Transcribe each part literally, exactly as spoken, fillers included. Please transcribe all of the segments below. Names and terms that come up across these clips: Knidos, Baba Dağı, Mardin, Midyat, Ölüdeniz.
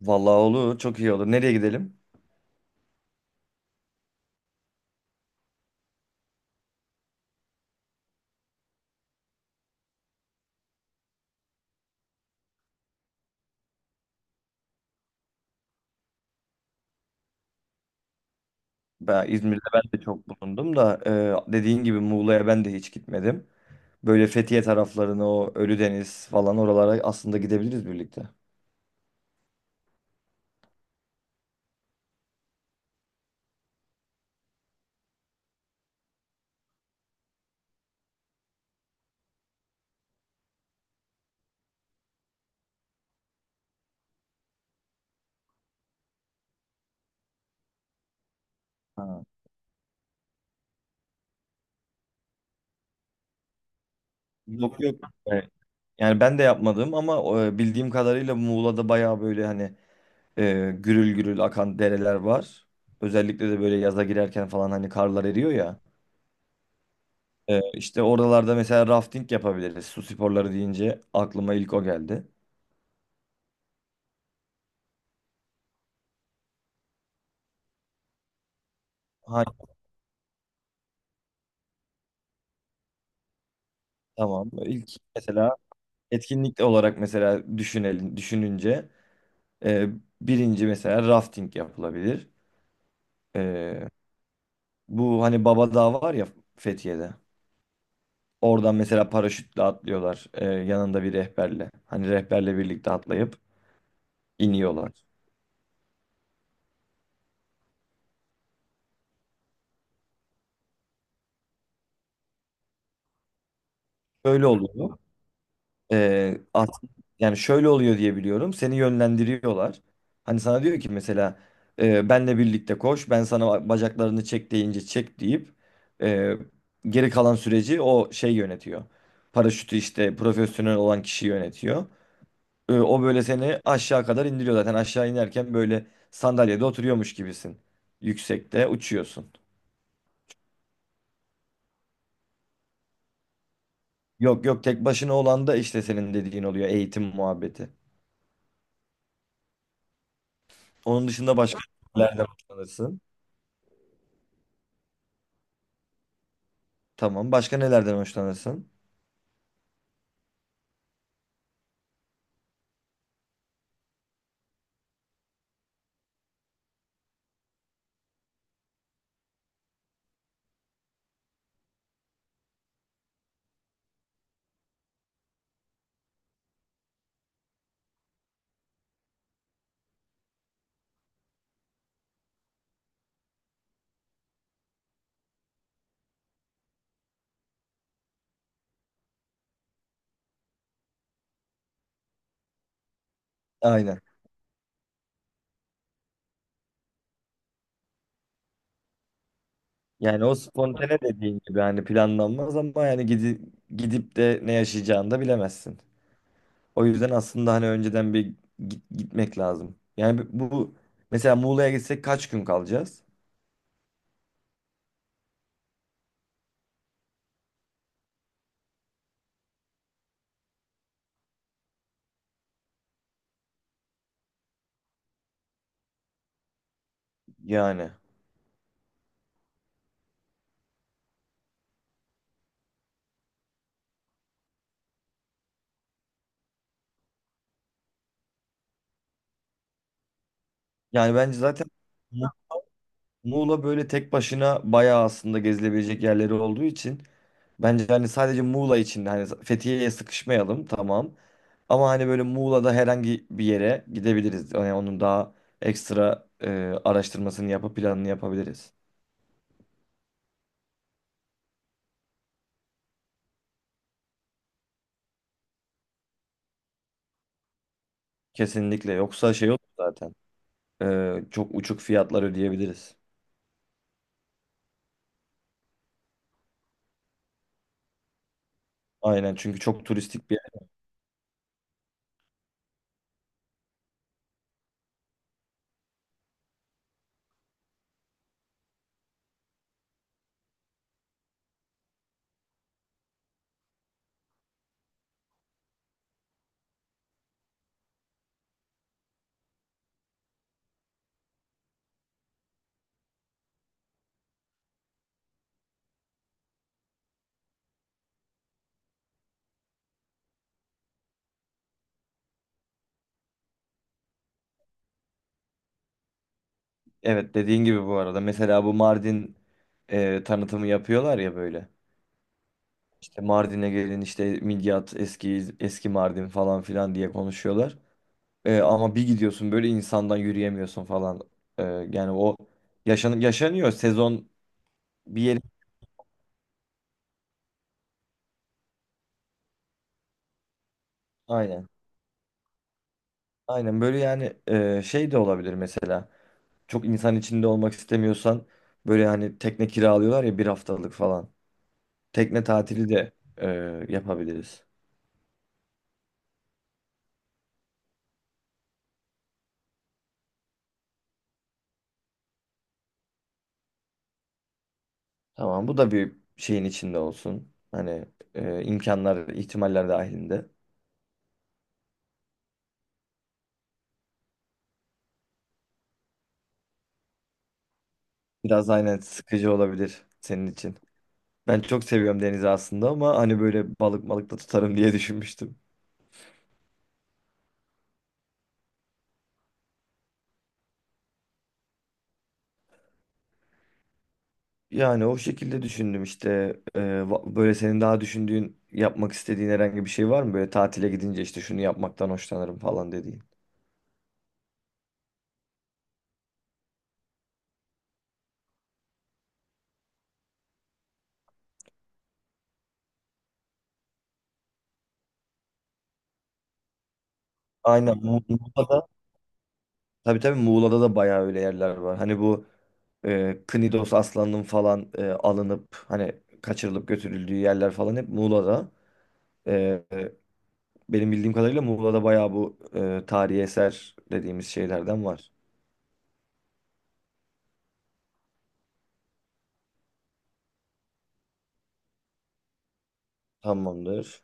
Vallahi olur, çok iyi olur. Nereye gidelim? Ben İzmir'de ben de çok bulundum da e, dediğin gibi Muğla'ya ben de hiç gitmedim. Böyle Fethiye taraflarına o Ölüdeniz falan oralara aslında gidebiliriz birlikte. Ha. Yok yok. E, Yani ben de yapmadım ama e, bildiğim kadarıyla Muğla'da bayağı böyle hani e, gürül gürül akan dereler var. Özellikle de böyle yaza girerken falan hani karlar eriyor ya. E, işte oralarda mesela rafting yapabiliriz. Su sporları deyince aklıma ilk o geldi. Ha, tamam. İlk mesela etkinlik olarak mesela düşünelim, düşününce Ee, birinci mesela rafting yapılabilir. Ee, bu hani Baba Dağı var ya Fethiye'de. Oradan mesela paraşütle atlıyorlar. ee, yanında bir rehberle. Hani rehberle birlikte atlayıp iniyorlar. Böyle oluyor. Ee, as- yani şöyle oluyor diye biliyorum. Seni yönlendiriyorlar. Hani sana diyor ki mesela e, benle birlikte koş. Ben sana bacaklarını çek deyince çek deyip e, geri kalan süreci o şey yönetiyor. Paraşütü işte profesyonel olan kişi yönetiyor. E, o böyle seni aşağı kadar indiriyor zaten. Aşağı inerken böyle sandalyede oturuyormuş gibisin. Yüksekte uçuyorsun. Yok yok, tek başına olan da işte senin dediğin oluyor, eğitim muhabbeti. Onun dışında başka nelerden hoşlanırsın? Tamam. Başka nelerden hoşlanırsın? Aynen. Yani o spontane dediğin gibi hani planlanmaz ama yani gidi, gidip de ne yaşayacağını da bilemezsin. O yüzden aslında hani önceden bir git- gitmek lazım. Yani bu mesela Muğla'ya gitsek kaç gün kalacağız? Yani. Yani bence zaten Mu- Muğla böyle tek başına bayağı aslında gezilebilecek yerleri olduğu için bence hani sadece Muğla için hani Fethiye'ye sıkışmayalım, tamam. Ama hani böyle Muğla'da herhangi bir yere gidebiliriz. Yani onun daha ekstra e, araştırmasını yapıp planını yapabiliriz. Kesinlikle. Yoksa şey olur zaten. E, çok uçuk fiyatlar ödeyebiliriz. Aynen, çünkü çok turistik bir yer. Evet, dediğin gibi bu arada. Mesela bu Mardin e, tanıtımı yapıyorlar ya böyle. İşte Mardin'e gelin, işte Midyat, eski eski Mardin falan filan diye konuşuyorlar. Ee, ama bir gidiyorsun böyle, insandan yürüyemiyorsun falan. Ee, yani o yaşan yaşanıyor sezon bir yeri. Aynen. Aynen böyle yani, e, şey de olabilir mesela. Çok insan içinde olmak istemiyorsan böyle hani tekne kiralıyorlar ya, bir haftalık falan. Tekne tatili de e, yapabiliriz. Tamam, bu da bir şeyin içinde olsun. Hani e, imkanlar ihtimaller dahilinde. Biraz aynen sıkıcı olabilir senin için. Ben çok seviyorum denizi aslında ama hani böyle balık malık da tutarım diye düşünmüştüm. Yani o şekilde düşündüm işte. Ee, va- böyle senin daha düşündüğün, yapmak istediğin herhangi bir şey var mı? Böyle tatile gidince işte şunu yapmaktan hoşlanırım falan dediğin. Aynen. Mu- Muğla'da, tabii tabii Muğla'da da bayağı öyle yerler var. Hani bu e, Knidos aslanının falan e, alınıp hani kaçırılıp götürüldüğü yerler falan hep Muğla'da. Benim bildiğim kadarıyla Muğla'da bayağı bu e, tarihi eser dediğimiz şeylerden var. Tamamdır.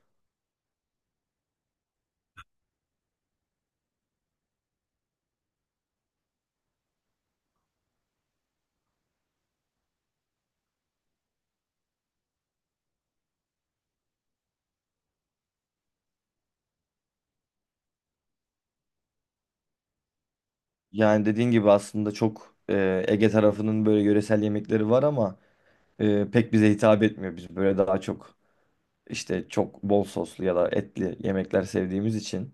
Yani dediğin gibi aslında çok e, Ege tarafının böyle yöresel yemekleri var ama e, pek bize hitap etmiyor. Biz böyle daha çok işte çok bol soslu ya da etli yemekler sevdiğimiz için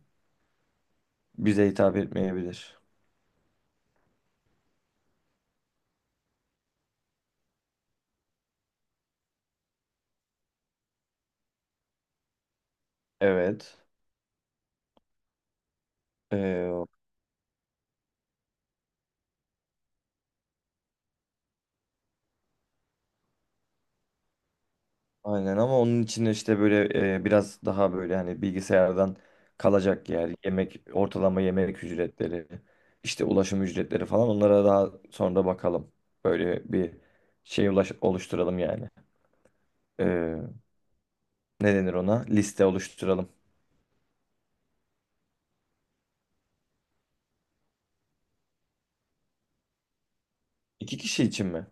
bize hitap etmeyebilir. Evet. E, Aynen, ama onun için işte böyle e, biraz daha böyle hani bilgisayardan kalacak yer, yemek, ortalama yemek ücretleri, işte ulaşım ücretleri falan, onlara daha sonra bakalım. Böyle bir şey ulaş- oluşturalım yani. E, ne denir ona? Liste oluşturalım. İki kişi için mi?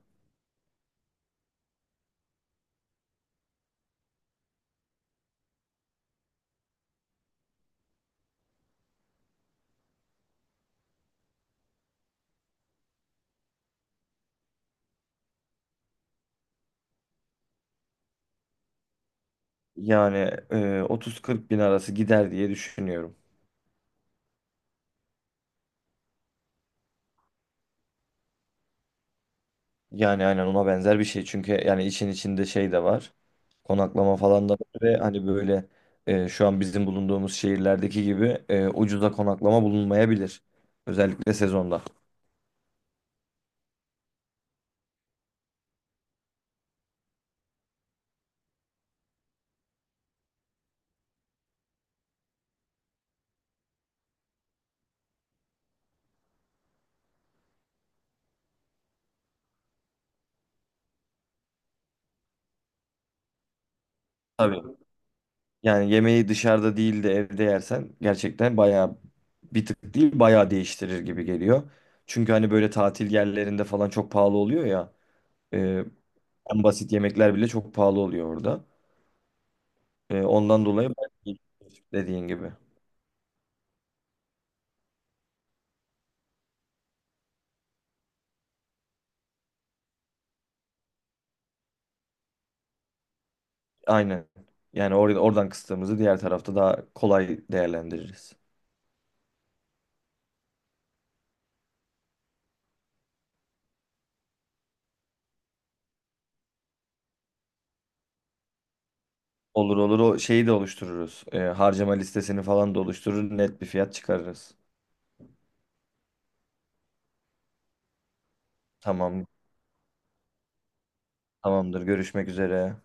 Yani e, otuz kırk bin arası gider diye düşünüyorum. Yani aynen ona benzer bir şey. Çünkü yani için içinde şey de var. Konaklama falan da var ve hani böyle e, şu an bizim bulunduğumuz şehirlerdeki gibi e, ucuza konaklama bulunmayabilir. Özellikle sezonda. Tabii. Yani yemeği dışarıda değil de evde yersen gerçekten bayağı bir tık değil, bayağı değiştirir gibi geliyor. Çünkü hani böyle tatil yerlerinde falan çok pahalı oluyor ya. E, en basit yemekler bile çok pahalı oluyor orada. E, ondan dolayı ben- dediğin gibi. Aynen. Yani or oradan kıstığımızı diğer tarafta daha kolay değerlendiririz. Olur olur, o şeyi de oluştururuz. Ee, harcama listesini falan da oluşturur. Net bir fiyat çıkarırız. Tamam, tamamdır. Görüşmek üzere.